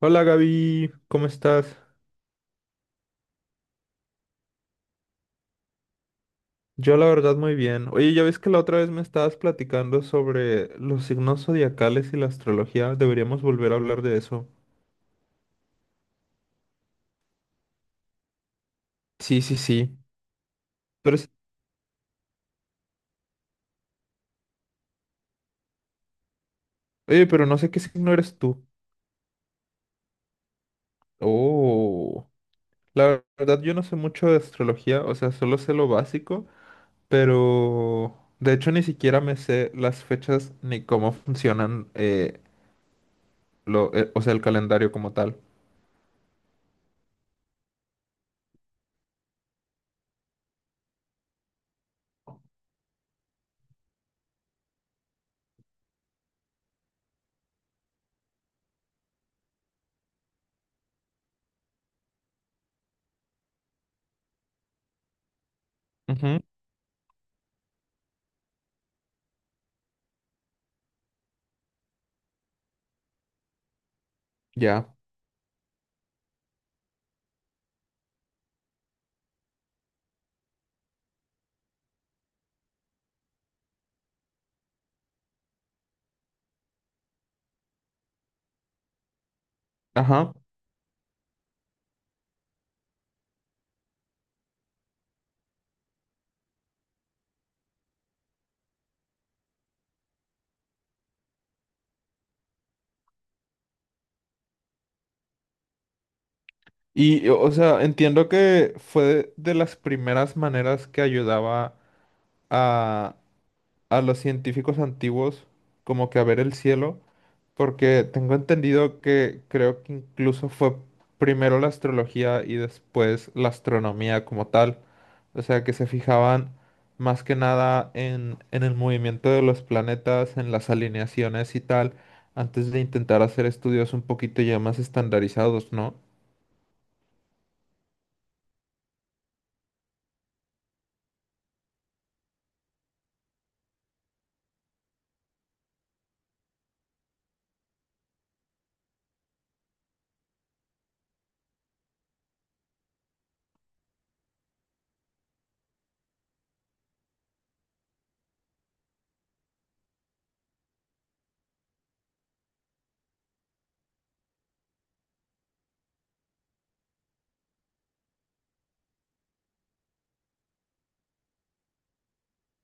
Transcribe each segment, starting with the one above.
Hola Gaby, ¿cómo estás? Yo la verdad muy bien. Oye, ya ves que la otra vez me estabas platicando sobre los signos zodiacales y la astrología. Deberíamos volver a hablar de eso. Sí, sí, sí. Pero es- Oye, pero no sé qué signo eres tú. Oh, la verdad yo no sé mucho de astrología, o sea, solo sé lo básico, pero de hecho ni siquiera me sé las fechas ni cómo funcionan, lo, o sea, el calendario como tal. Ujú, ya. Ajá. Y, o sea, entiendo que fue de las primeras maneras que ayudaba a, a los científicos antiguos como que a ver el cielo, porque tengo entendido que creo que incluso fue primero la astrología y después la astronomía como tal. O sea, que se fijaban más que nada en, el movimiento de los planetas, en las alineaciones y tal, antes de intentar hacer estudios un poquito ya más estandarizados, ¿no?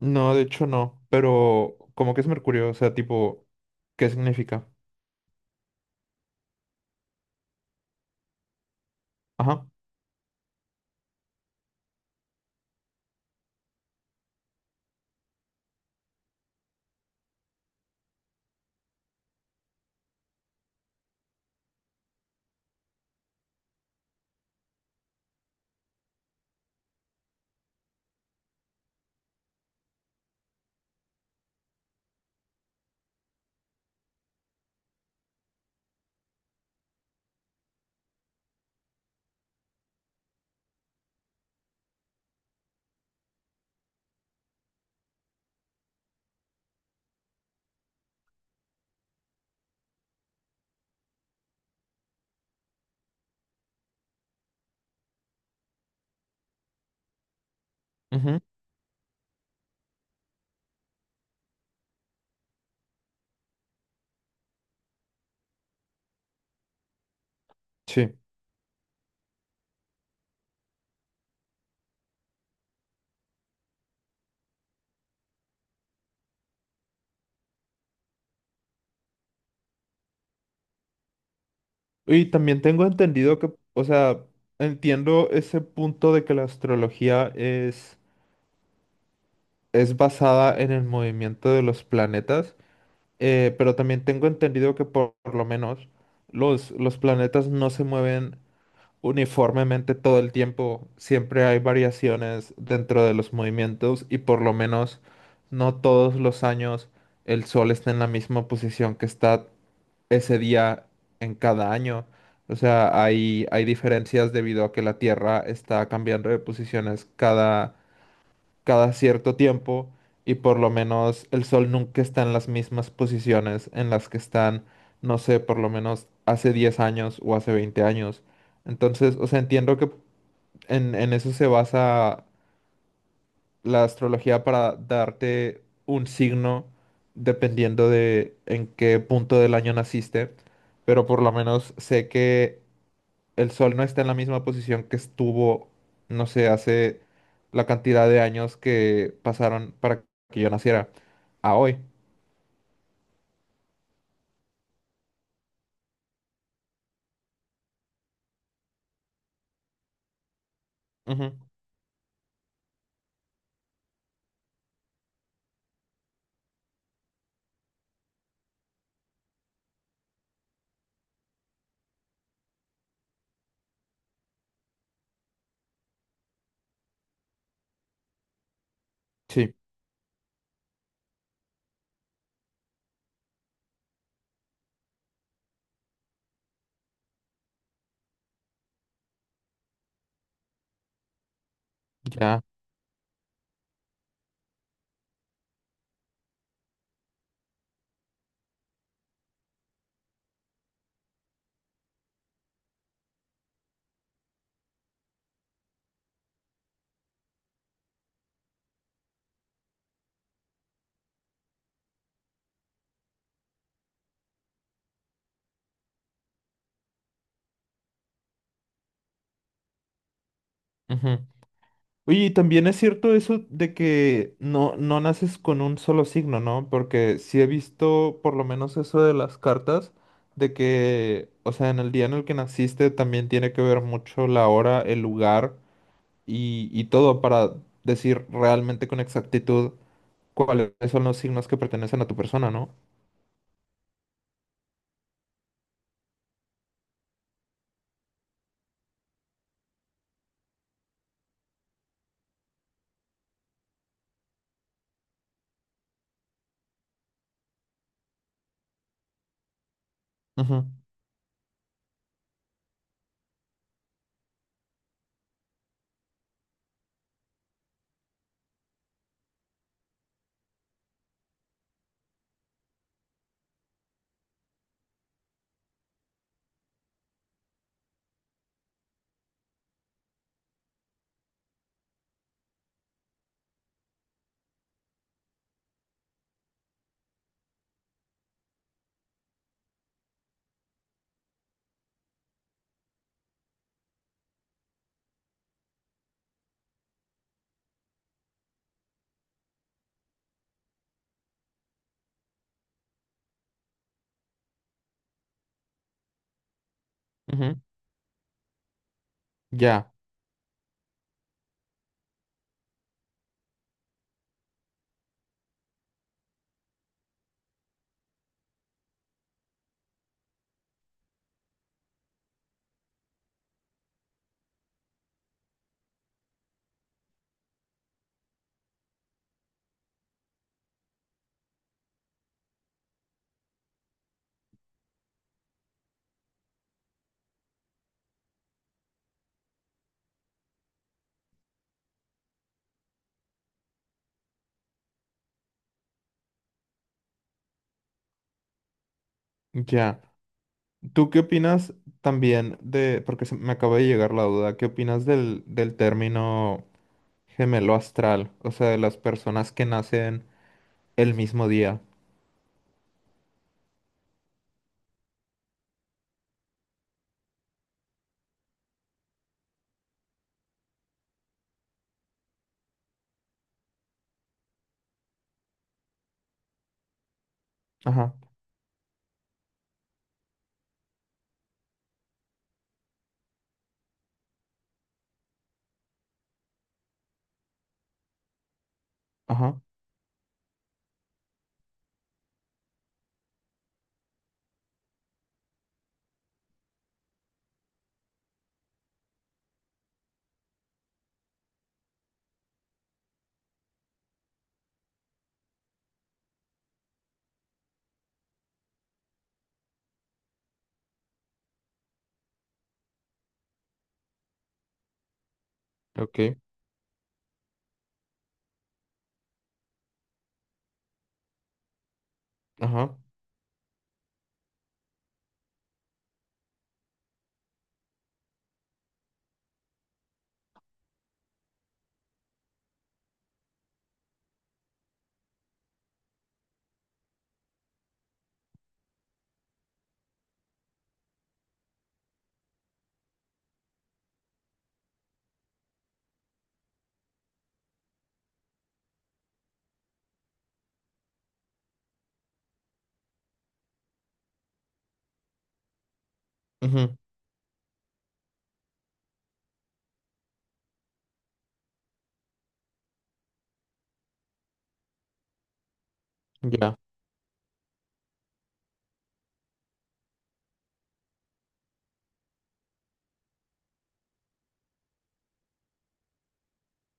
No, de hecho no, pero como que es Mercurio, o sea, tipo, ¿qué significa? Ajá, ujú, sí. Y también tengo entendido que, o sea, entiendo ese punto de que la astrología es basada en el movimiento de los planetas, pero también tengo entendido que por lo menos los planetas no se mueven uniformemente todo el tiempo. Siempre hay variaciones dentro de los movimientos y por lo menos no todos los años el sol está en la misma posición que está ese día en cada año. O sea, hay diferencias debido a que la Tierra está cambiando de posiciones cada cierto tiempo y por lo menos el sol nunca está en las mismas posiciones en las que están, no sé, por lo menos hace 10 años o hace 20 años. Entonces, o sea, entiendo que en eso se basa la astrología para darte un signo dependiendo de en qué punto del año naciste, pero por lo menos sé que el Sol no está en la misma posición que estuvo, no sé, hace la cantidad de años que pasaron para que yo naciera a hoy. Ujú, sí, ya. Ujú. Oye, y también es cierto eso de que no, no naces con un solo signo, ¿no? Porque sí he visto por lo menos eso de las cartas, de que, o sea, en el día en el que naciste también tiene que ver mucho la hora, el lugar y todo para decir realmente con exactitud cuáles son los signos que pertenecen a tu persona, ¿no? Ujú, ujú. Ya, ya. ¿Tú qué opinas también de, porque me acaba de llegar la duda, ¿qué opinas del término gemelo astral? O sea, de las personas que nacen el mismo día. Ajá, ajá, ok, ajá, ujú, ya,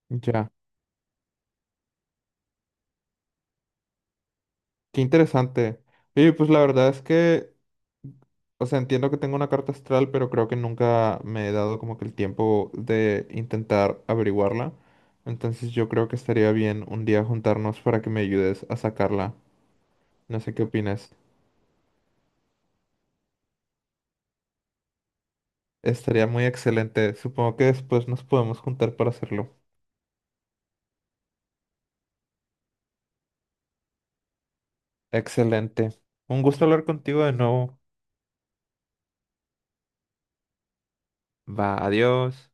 ya. Qué interesante. Y pues la verdad es que. O sea, entiendo que tengo una carta astral, pero creo que nunca me he dado como que el tiempo de intentar averiguarla. Entonces yo creo que estaría bien un día juntarnos para que me ayudes a sacarla. No sé qué opinas. Estaría muy excelente. Supongo que después nos podemos juntar para hacerlo. Excelente. Un gusto hablar contigo de nuevo. Va, adiós.